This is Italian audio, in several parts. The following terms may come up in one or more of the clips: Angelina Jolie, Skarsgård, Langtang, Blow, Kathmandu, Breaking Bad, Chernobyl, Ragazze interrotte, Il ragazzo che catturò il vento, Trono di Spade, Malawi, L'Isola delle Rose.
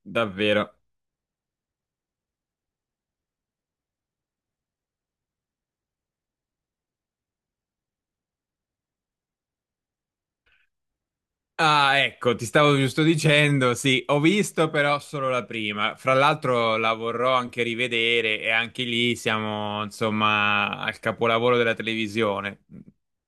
Davvero. Ah, ecco, ti stavo giusto dicendo, sì, ho visto però solo la prima. Fra l'altro la vorrò anche rivedere e anche lì siamo, insomma, al capolavoro della televisione.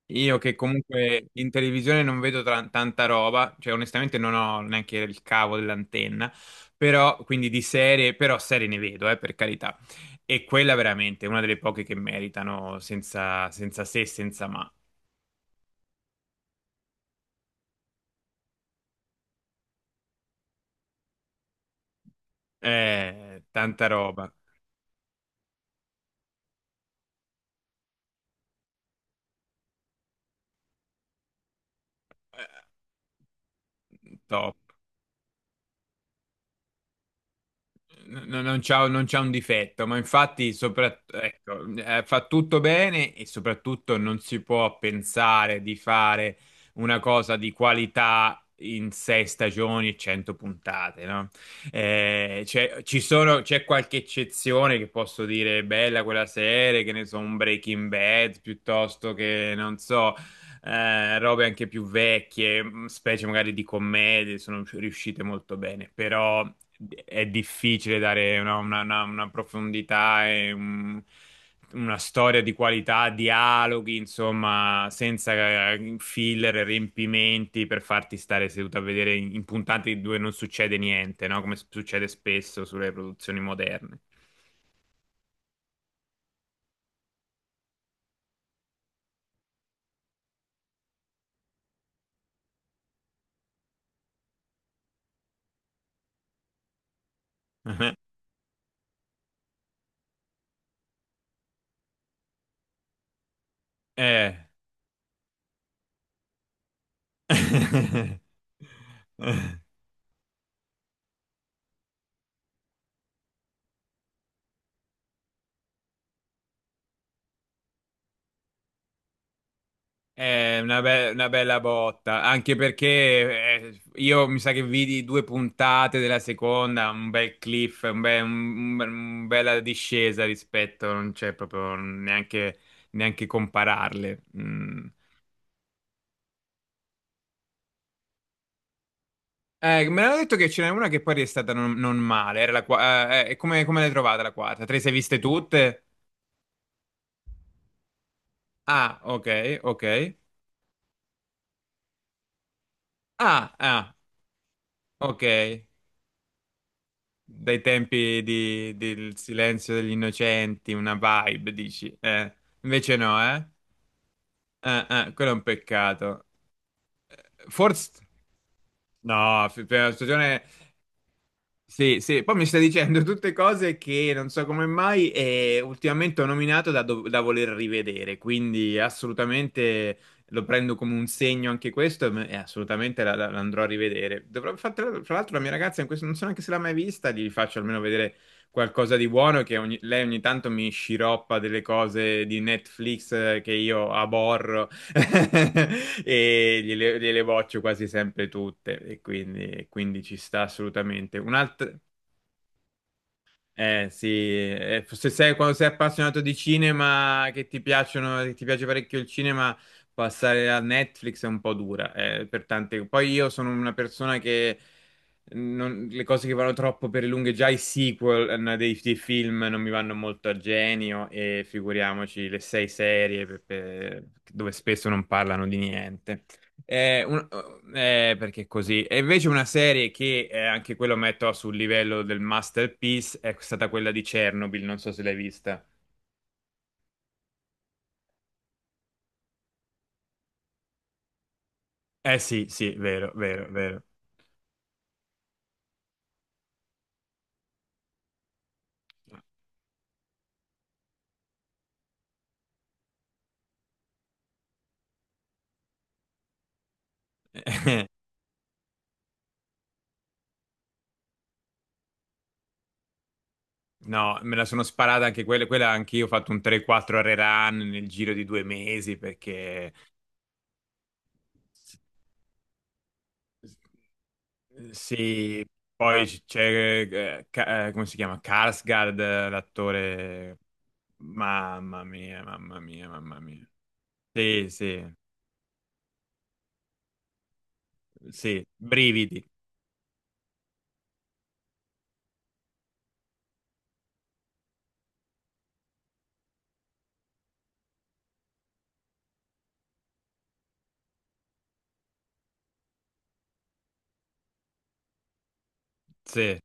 Io che comunque in televisione non vedo tanta roba, cioè onestamente non ho neanche il cavo dell'antenna, però quindi di serie, però serie ne vedo, per carità. E quella veramente è una delle poche che meritano senza, senza se, senza ma. Tanta roba. Top. Non c'ha un difetto, ma infatti ecco, fa tutto bene e soprattutto non si può pensare di fare una cosa di qualità in sei stagioni e 100 puntate, no? C'è qualche eccezione che posso dire bella quella serie, che ne so, un Breaking Bad piuttosto che non so, robe anche più vecchie, specie magari di commedie, sono riuscite molto bene, però è difficile dare una profondità e una storia di qualità, dialoghi, insomma, senza filler, riempimenti per farti stare seduto a vedere in puntate dove non succede niente, no? Come succede spesso sulle produzioni moderne. Eh. È una, una bella botta, anche perché io mi sa che vidi due puntate della seconda, un bel cliff, un bella discesa rispetto, non c'è proprio neanche, neanche compararle. Mm. Me l'hanno detto che ce n'è una che poi è stata non male, era la come l'hai trovata la quarta? Te le sei viste tutte? Ah, ok, ok. Ah, ah, ok, dai tempi del silenzio degli innocenti, una vibe, dici. Invece no, eh? Quello è un peccato. Eh, Forse... No, prima stagione sì, sì, poi mi sta dicendo tutte cose che non so come mai ultimamente ho nominato da voler rivedere, quindi assolutamente lo prendo come un segno anche questo e e assolutamente la andrò a rivedere. Dovrò, fra l'altro la mia ragazza, in questo, non so neanche se l'ha mai vista, gli faccio almeno vedere qualcosa di buono, che lei ogni tanto mi sciroppa delle cose di Netflix che io aborro. E gliele boccio quasi sempre tutte e quindi ci sta assolutamente. Un'altra, eh sì, se sei, quando sei appassionato di cinema, che ti piace parecchio il cinema, passare a Netflix è un po' dura, per tante. Poi io sono una persona che le cose che vanno troppo per le lunghe, già i sequel dei film non mi vanno molto a genio e figuriamoci le sei serie dove spesso non parlano di niente. Eh, un- Perché così. E invece una serie che anche quello metto sul livello del masterpiece è stata quella di Chernobyl, non so se l'hai vista. Eh sì, sì, vero, vero, vero. No, me la sono sparata anche quella, quella anche io ho fatto un 3-4 rerun nel giro di due mesi perché sì, poi c'è, come si chiama? Skarsgård, l'attore, mamma mia, mamma mia, mamma mia. Sì, sì. Sì, brividi. Sì,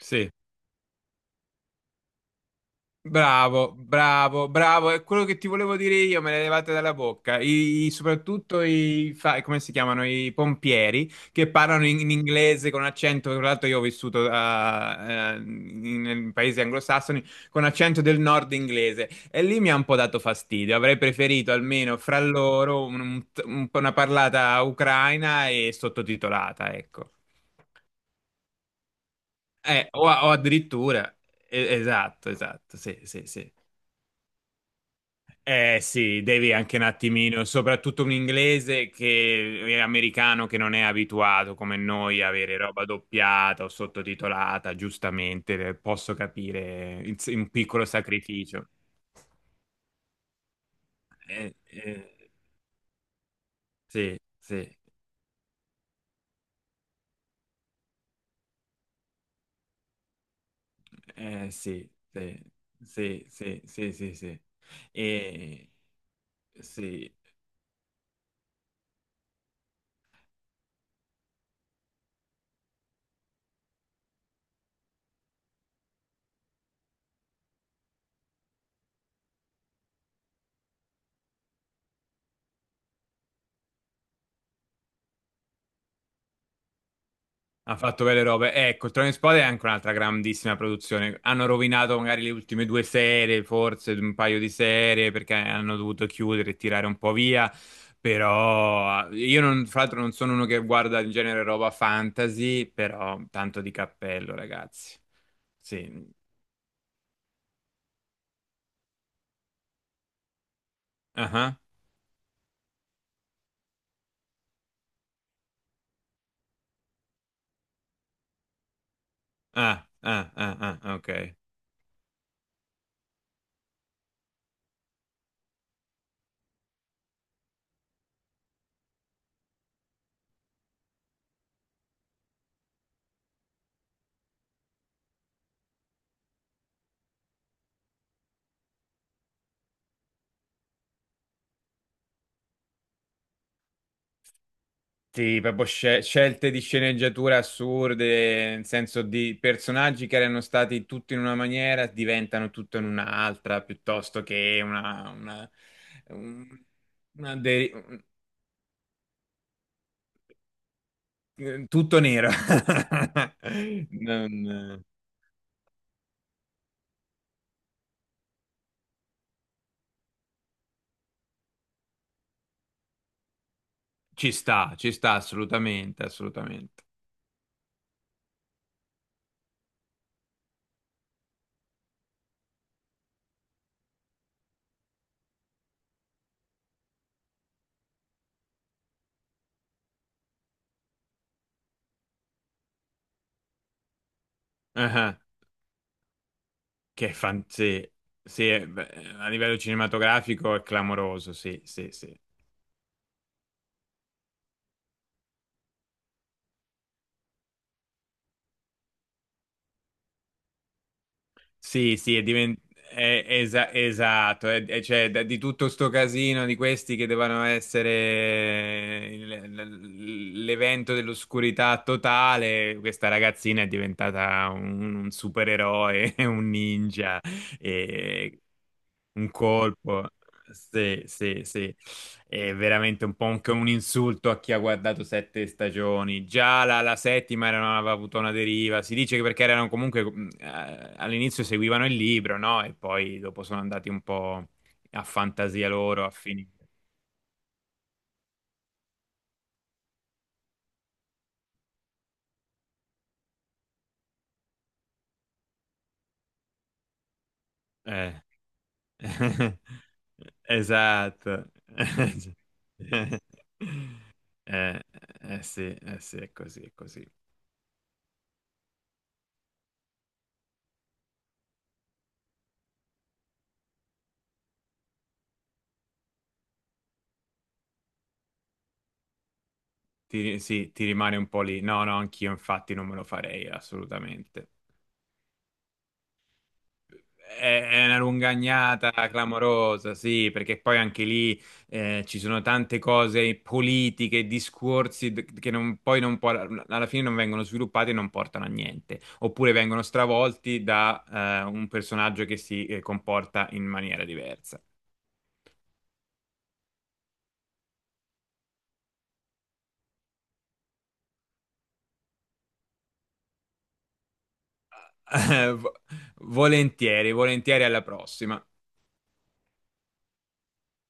sì. Bravo, bravo, bravo. È quello che ti volevo dire io, me le levate dalla bocca. Soprattutto come si chiamano? I pompieri che parlano in inglese con accento. Tra l'altro, io ho vissuto in paesi anglosassoni con accento del nord inglese e lì mi ha un po' dato fastidio. Avrei preferito almeno fra loro un po' una parlata ucraina e sottotitolata, ecco. O addirittura, esatto, esatto, sì, sì, sì. Eh sì, devi anche un attimino, soprattutto un inglese che è americano che non è abituato come noi a avere roba doppiata o sottotitolata, giustamente, posso capire un piccolo sacrificio. Eh, eh, sì, sì, sì, sì, sì, sì, sì, sì, sì. E- sì. Ha fatto belle robe. Ecco, il Trono di Spade è anche un'altra grandissima produzione. Hanno rovinato magari le ultime due serie, forse un paio di serie, perché hanno dovuto chiudere e tirare un po' via. Però io, non, fra l'altro, non sono uno che guarda in genere roba fantasy, però tanto di cappello, ragazzi. Sì. Ah, ah, ah, ah, ah, ah, ok. Sì, proprio scelte di sceneggiatura assurde, nel senso di personaggi che erano stati tutti in una maniera, diventano tutto in un'altra, piuttosto che un- una de- tutto nero. Non- ci sta, ci sta assolutamente, assolutamente. Ah, che fan... Sì, sì, beh, a livello cinematografico è clamoroso, sì, sì, sì. Sì, sì, è divent- è- esa- esatto, cioè, di tutto sto casino di questi che devono essere l'evento dell'oscurità totale, questa ragazzina è diventata un supereroe, un ninja, e un colpo. Sì, sì, sì, è veramente un po' anche un insulto a chi ha guardato sette stagioni. Già la settima aveva avuto una deriva. Si dice che perché erano comunque all'inizio seguivano il libro, no? E poi dopo sono andati un po' a fantasia loro, a finire. Eh. Esatto. Eh, sì, eh sì, è così, è così. Ti, sì, ti rimane un po' lì. No, no, anch'io infatti non me lo farei assolutamente. È è una lungagnata clamorosa, sì, perché poi anche lì ci sono tante cose politiche, discorsi che non- poi non por- alla fine non vengono sviluppati e non portano a niente, oppure vengono stravolti da un personaggio che si comporta in maniera diversa. Vo- Volentieri, volentieri alla prossima.